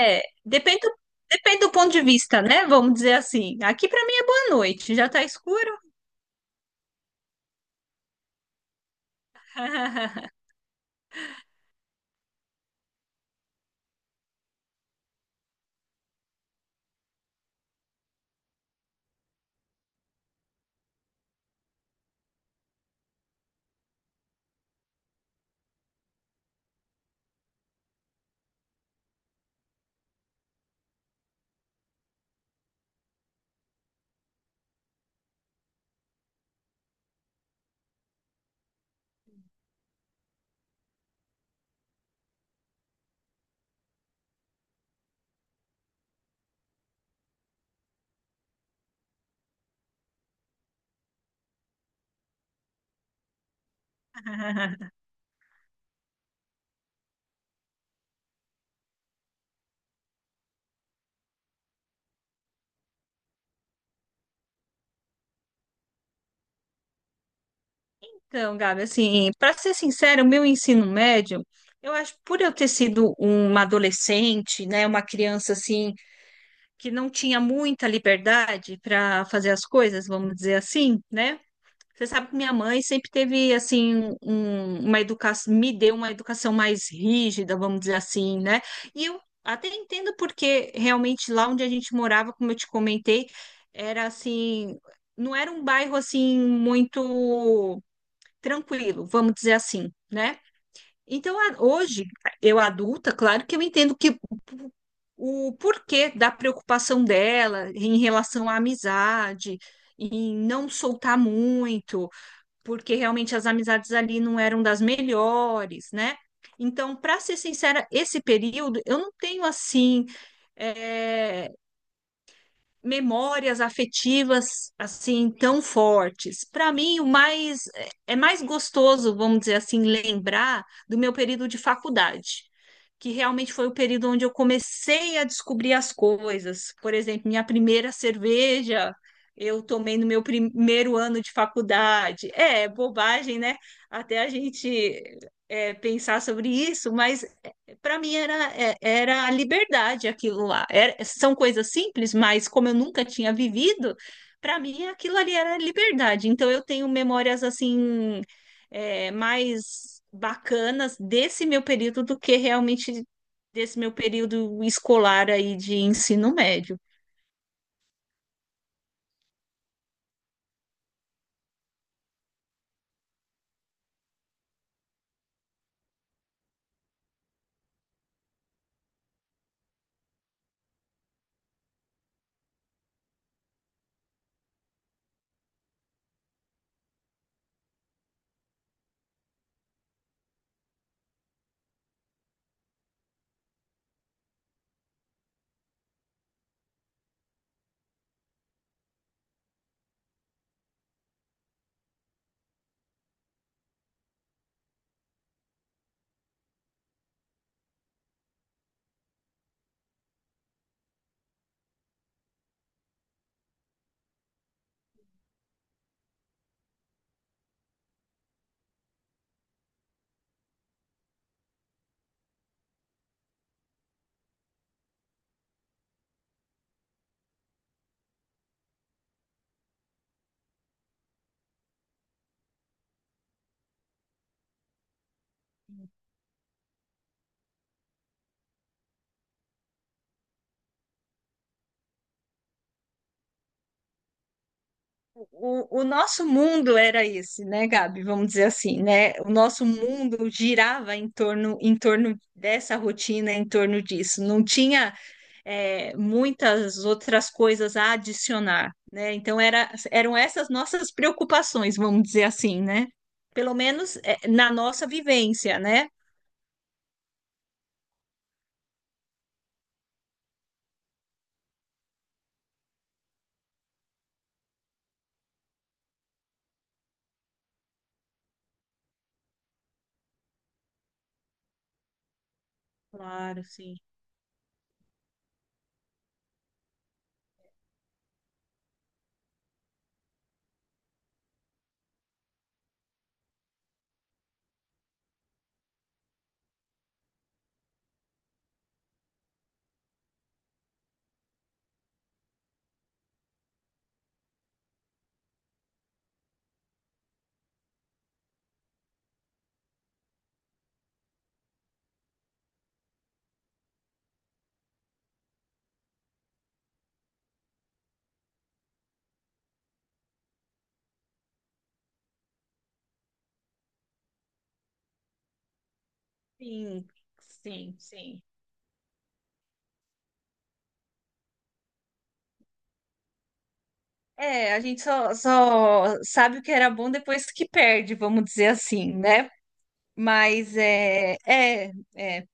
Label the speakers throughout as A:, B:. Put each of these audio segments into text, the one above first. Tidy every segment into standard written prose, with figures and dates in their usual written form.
A: É, depende do ponto de vista, né? Vamos dizer assim. Aqui pra mim é boa noite, já tá escuro. Então, Gabi, assim, para ser sincero, o meu ensino médio, eu acho, por eu ter sido uma adolescente, né, uma criança assim, que não tinha muita liberdade para fazer as coisas, vamos dizer assim, né? Você sabe que minha mãe sempre teve assim uma educação, me deu uma educação mais rígida, vamos dizer assim, né? E eu até entendo porque realmente lá onde a gente morava, como eu te comentei, era assim, não era um bairro assim muito tranquilo, vamos dizer assim, né? Então hoje, eu adulta, claro que eu entendo que o porquê da preocupação dela em relação à amizade, em não soltar muito porque realmente as amizades ali não eram das melhores, né? Então, para ser sincera, esse período eu não tenho assim eh, memórias afetivas assim tão fortes. Para mim, o mais é mais gostoso, vamos dizer assim, lembrar do meu período de faculdade, que realmente foi o período onde eu comecei a descobrir as coisas. Por exemplo, minha primeira cerveja eu tomei no meu primeiro ano de faculdade. É, bobagem, né? Até a gente pensar sobre isso, mas para mim era, era a liberdade aquilo lá. São coisas simples, mas como eu nunca tinha vivido, para mim aquilo ali era a liberdade. Então eu tenho memórias assim mais bacanas desse meu período do que realmente desse meu período escolar aí de ensino médio. O nosso mundo era esse, né, Gabi? Vamos dizer assim, né? O nosso mundo girava em torno dessa rotina, em torno disso. Não tinha, muitas outras coisas a adicionar, né? Então era, eram essas nossas preocupações, vamos dizer assim, né? Pelo menos é, na nossa vivência, né? Claro, sim. Sim, sim, sim. É, a gente só, só sabe o que era bom depois que perde, vamos dizer assim, né? Mas é, é, é.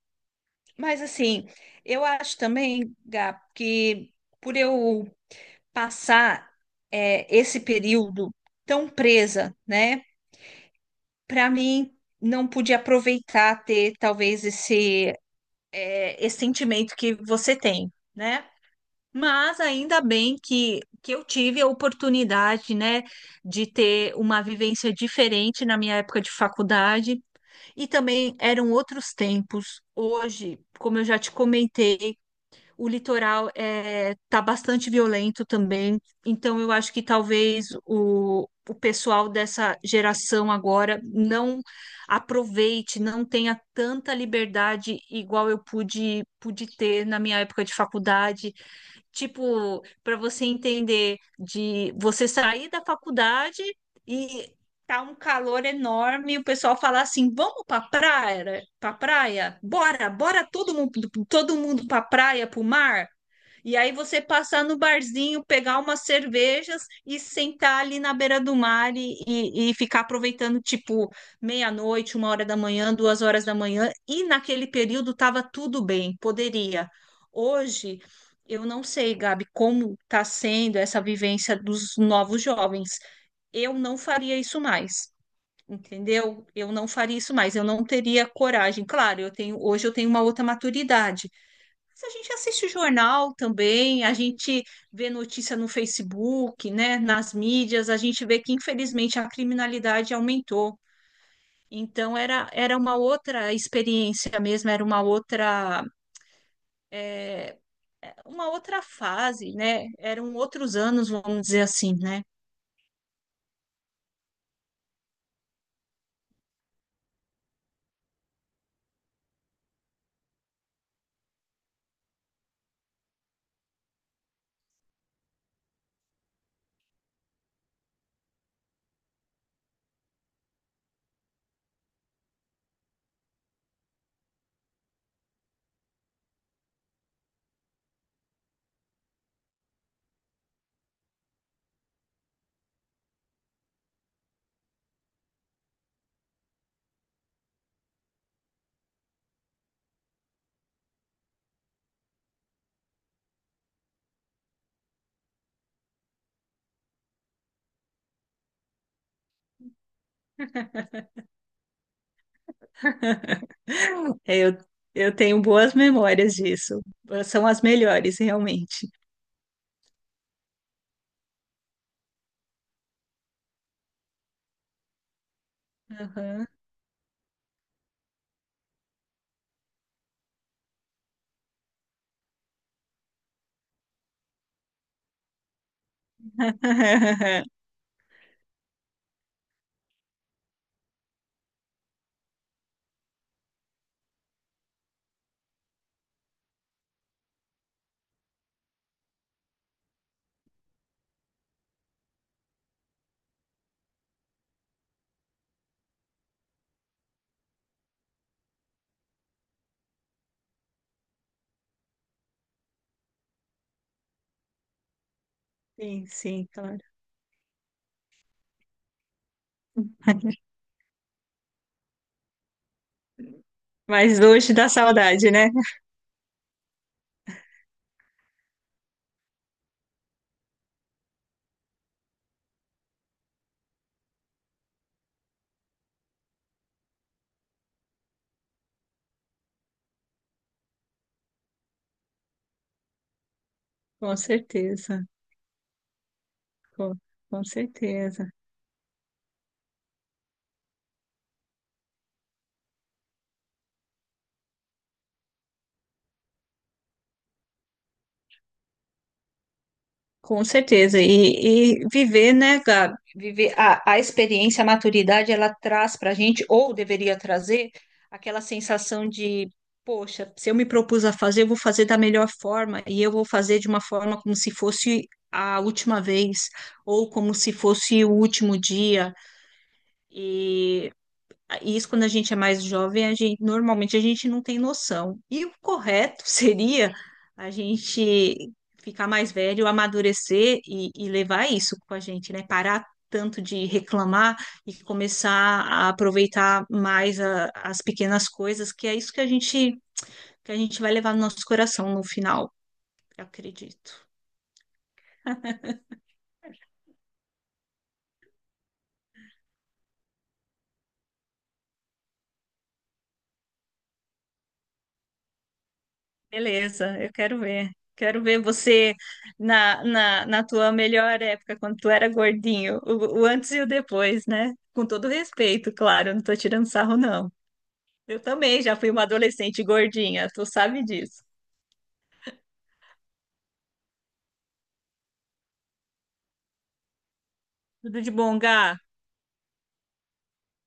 A: Mas assim, eu acho também, Gá, que por eu passar esse período tão presa, né? Para mim, não pude aproveitar ter talvez esse, esse sentimento que você tem, né? Mas ainda bem que eu tive a oportunidade, né, de ter uma vivência diferente na minha época de faculdade. E também eram outros tempos. Hoje, como eu já te comentei, o litoral é, tá bastante violento também. Então, eu acho que talvez o pessoal dessa geração agora não aproveite, não tenha tanta liberdade igual eu pude, pude ter na minha época de faculdade tipo, para você entender de você sair da faculdade e tá um calor enorme, e o pessoal fala assim: "Vamos para praia, para praia? Bora, bora todo mundo para praia, para o mar?" E aí você passar no barzinho, pegar umas cervejas e sentar ali na beira do mar e ficar aproveitando, tipo, meia-noite, uma hora da manhã, duas horas da manhã. E naquele período estava tudo bem, poderia. Hoje, eu não sei, Gabi, como está sendo essa vivência dos novos jovens. Eu não faria isso mais, entendeu? Eu não faria isso mais, eu não teria coragem. Claro, eu tenho, hoje eu tenho uma outra maturidade, mas a gente assiste jornal também, a gente vê notícia no Facebook, né, nas mídias, a gente vê que infelizmente a criminalidade aumentou. Então era, era uma outra experiência mesmo, era uma outra é, uma outra fase, né? Eram outros anos, vamos dizer assim, né? Eu, eu tenho boas memórias disso. São as melhores, realmente. Aham. Sim, sim, claro. Mas hoje dá saudade, né? Com certeza, com, com certeza, com certeza. E viver, né, Gabi? Viver a experiência, a maturidade, ela traz para a gente, ou deveria trazer, aquela sensação de, poxa, se eu me propus a fazer, eu vou fazer da melhor forma, e eu vou fazer de uma forma como se fosse a última vez, ou como se fosse o último dia. E Isso quando a gente é mais jovem, a gente, normalmente a gente não tem noção. E o correto seria a gente ficar mais velho, amadurecer e levar isso com a gente, né? Parar tanto de reclamar e começar a aproveitar mais as pequenas coisas, que é isso que a gente vai levar no nosso coração no final, eu acredito. Beleza, eu quero ver. Quero ver você na tua melhor época, quando tu era gordinho, o antes e o depois, né? Com todo respeito, claro, não tô tirando sarro, não. Eu também já fui uma adolescente gordinha, tu sabe disso. Tudo de bom, Gá?